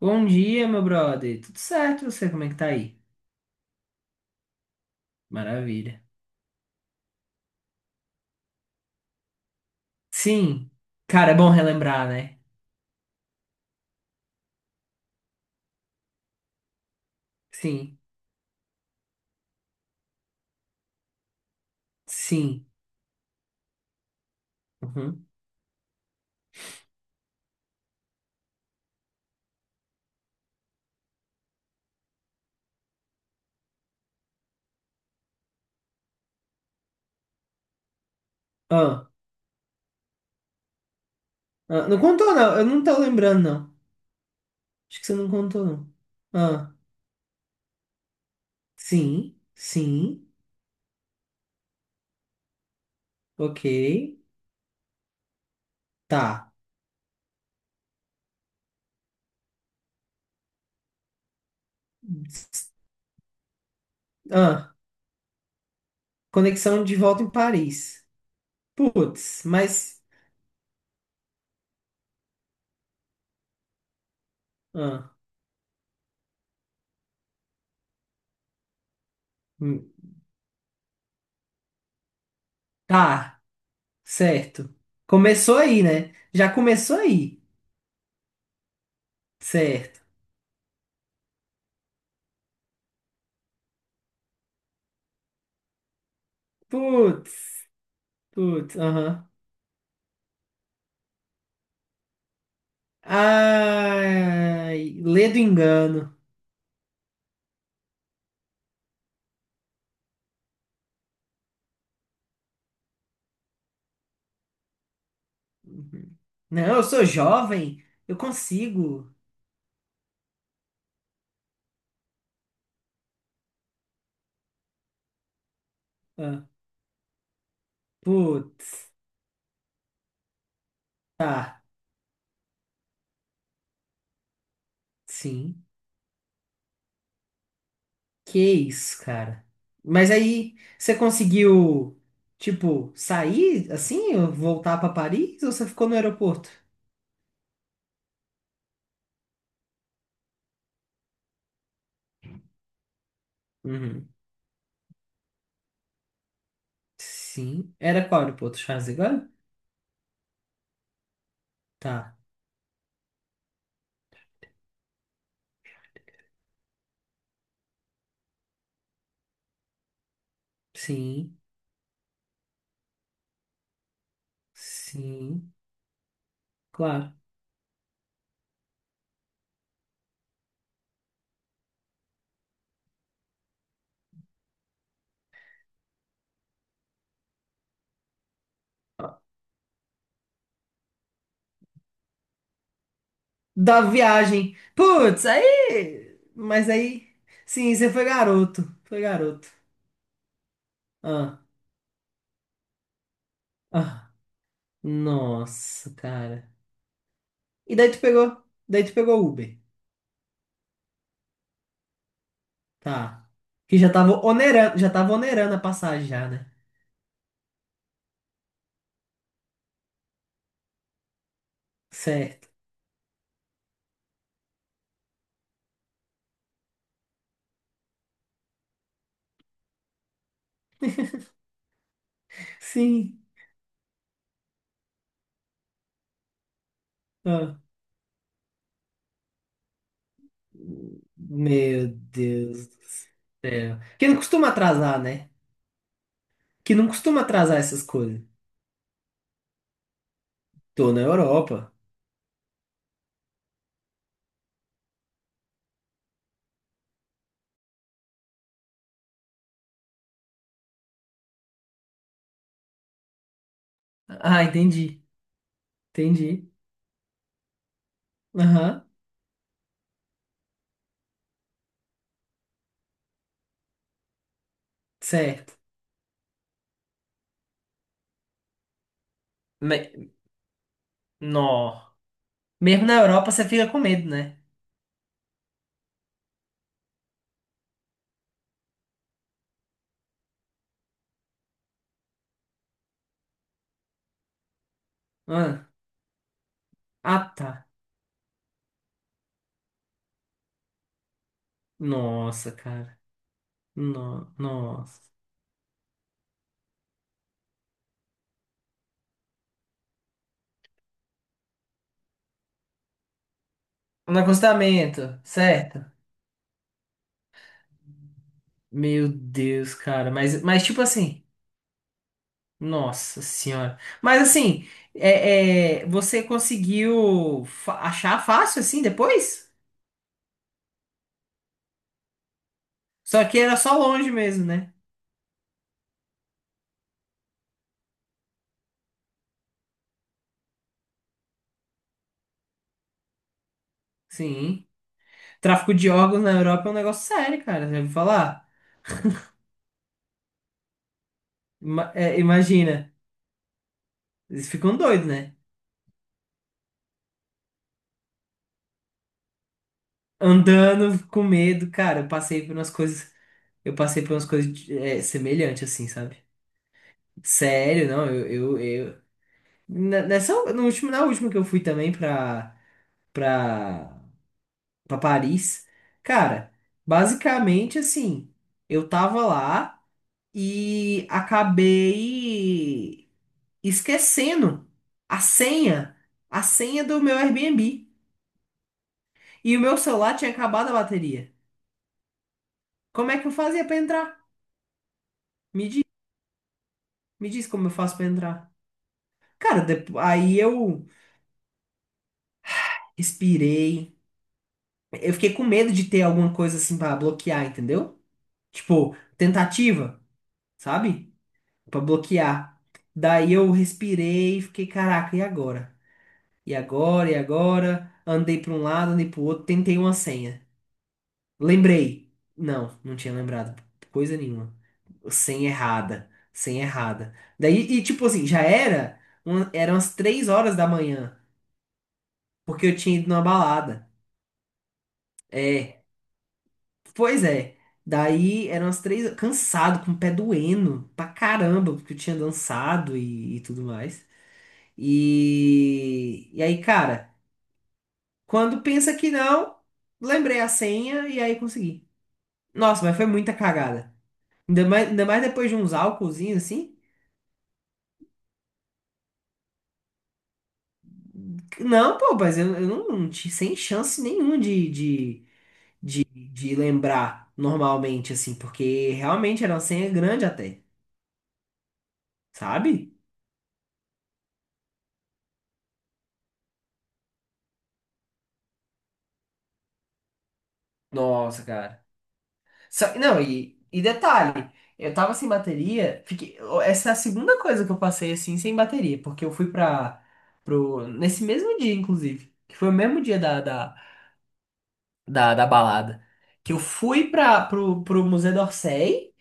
Bom dia, meu brother. Tudo certo? E você, como é que tá aí? Maravilha. Sim. Cara, é bom relembrar, né? Sim. Sim. Uhum. Ah, ah, não contou, não. Eu não tô lembrando, não. Acho que você não contou, não. Ah, sim. Sim. Ok. Tá. Ah, conexão de volta em Paris. Putz, mas. Ah, hum, tá. Certo. Começou aí, né? Já começou aí. Certo. Putz. Putz, aham. Ai, lê do engano. Uhum. Não, eu sou jovem, eu consigo. Ah, putz, tá, sim. Que isso, cara. Mas aí, você conseguiu, tipo, sair assim, ou voltar pra Paris, ou você ficou no aeroporto? Uhum. Sim. Era qual aeroporto? Charles de Gaulle? Tá. Sim, sim, claro. Da viagem. Putz, aí. Mas aí. Sim, você foi garoto. Foi garoto. Ah, ah. Nossa, cara. E daí tu pegou. Daí tu pegou o Uber. Tá. Que já tava onerando a passagem já, né? Certo. Sim. Ah. Meu Deus do céu. Que não costuma atrasar, né? Que não costuma atrasar essas coisas. Tô na Europa. Ah, entendi. Entendi. Aham. Certo. Nó. Mesmo na Europa você fica com medo, né? Ah, ah, tá. Nossa, cara. No, nossa. No acostamento, certo? Meu Deus, cara. Mas, tipo assim. Nossa senhora. Mas assim, é, você conseguiu achar fácil assim depois? Só que era só longe mesmo, né? Sim. Tráfico de órgãos na Europa é um negócio sério, cara. Já ouviu falar? É, imagina. Eles ficam doidos, né? Andando com medo, cara, eu passei por umas coisas, é, semelhantes, assim, sabe? Sério, não, eu nessa, no último, na última que eu fui também pra, pra Paris, cara, basicamente, assim, eu tava lá e acabei esquecendo a senha, a senha do meu Airbnb, e o meu celular tinha acabado a bateria. Como é que eu fazia pra entrar? Me Me diz como eu faço pra entrar. Cara, aí eu respirei. Eu fiquei com medo de ter alguma coisa assim pra bloquear, entendeu? Tipo, tentativa, sabe? Pra bloquear. Daí eu respirei e fiquei, caraca, e agora? E agora? E agora? Andei pra um lado, andei pro outro, tentei uma senha. Lembrei. Não, não tinha lembrado. Coisa nenhuma. Senha errada. Senha errada. Daí, e tipo assim, já era, eram as 3 horas da manhã, porque eu tinha ido numa balada. É, pois é. Daí eram as 3, cansado, com o pé doendo pra caramba, porque eu tinha dançado e tudo mais. E aí, cara, quando pensa que não, lembrei a senha e aí consegui. Nossa, mas foi muita cagada. Ainda mais depois de uns álcoolzinhos assim. Não, pô, mas eu não, não tinha sem chance nenhuma de, de lembrar normalmente, assim, porque realmente era uma senha grande até, sabe? Nossa, cara. Não, e detalhe, eu tava sem bateria, fiquei, essa é a segunda coisa que eu passei assim sem bateria, porque eu fui nesse mesmo dia, inclusive, que foi o mesmo dia da balada, que eu fui pro Museu d'Orsay,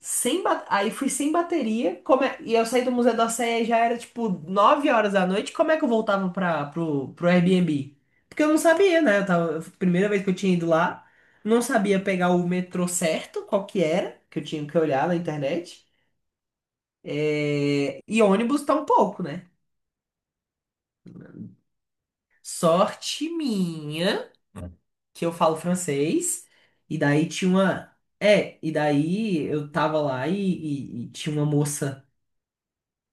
sem ba- aí fui sem bateria. E eu saí do Museu da Sé e já era tipo 9 horas da noite. Como é que eu voltava pro Airbnb? Porque eu não sabia, né? Primeira vez que eu tinha ido lá, não sabia pegar o metrô certo, qual que era, que eu tinha que olhar na internet. É, e ônibus tá um pouco, né? Sorte minha, que eu falo francês, e daí tinha uma. É, e daí eu tava lá e, e tinha uma moça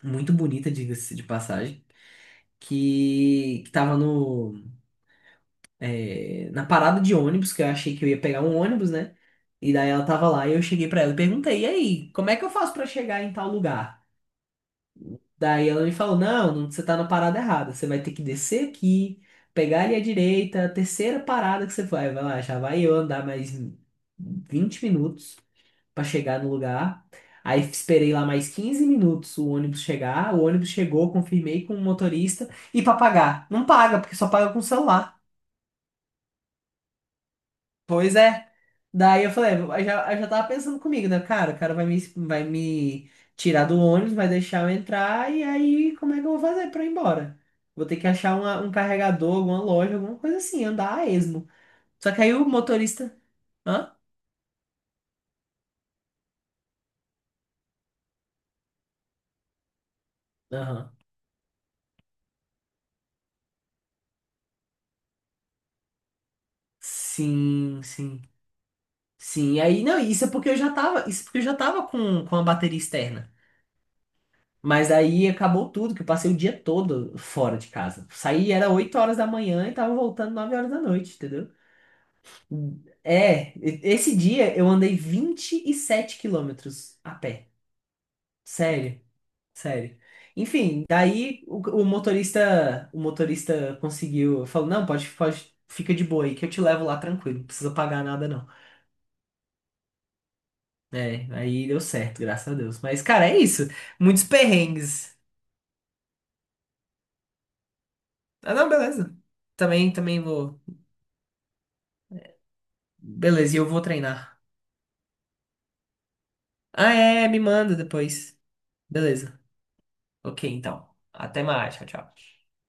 muito bonita, diga-se de passagem, que tava no, é, na parada de ônibus, que eu achei que eu ia pegar um ônibus, né? E daí ela tava lá e eu cheguei pra ela e perguntei, e aí, como é que eu faço pra chegar em tal lugar? Daí ela me falou, não, não, você tá na parada errada, você vai ter que descer aqui, pegar ali à direita, a terceira parada que você vai, vai lá, já vai eu andar mais 20 minutos para chegar no lugar. Aí esperei lá mais 15 minutos o ônibus chegar. O ônibus chegou, confirmei com o motorista. E para pagar? Não paga, porque só paga com o celular. Pois é. Daí eu falei, eu já tava pensando comigo, né? Cara, o cara vai me, tirar do ônibus, vai deixar eu entrar. E aí, como é que eu vou fazer para ir embora? Vou ter que achar um carregador, alguma loja, alguma coisa assim, andar a esmo. Só que aí o motorista. Hã? Aham. Sim, sim. Sim, aí, não, isso é porque eu já tava com a bateria externa. Mas aí acabou tudo, que eu passei o dia todo fora de casa. Saí, era 8 horas da manhã e tava voltando 9 horas da noite, entendeu? É, esse dia eu andei 27 quilômetros a pé. Sério, sério. Enfim, daí o motorista conseguiu, falou, não, pode, pode, fica de boa aí que eu te levo lá tranquilo, não precisa pagar nada não. É, aí deu certo, graças a Deus. Mas, cara, é isso. Muitos perrengues. Ah, não, beleza. Também, também vou. Beleza, e eu vou treinar. Ah, é, me manda depois. Beleza. Ok, então. Até mais. Tchau, tchau.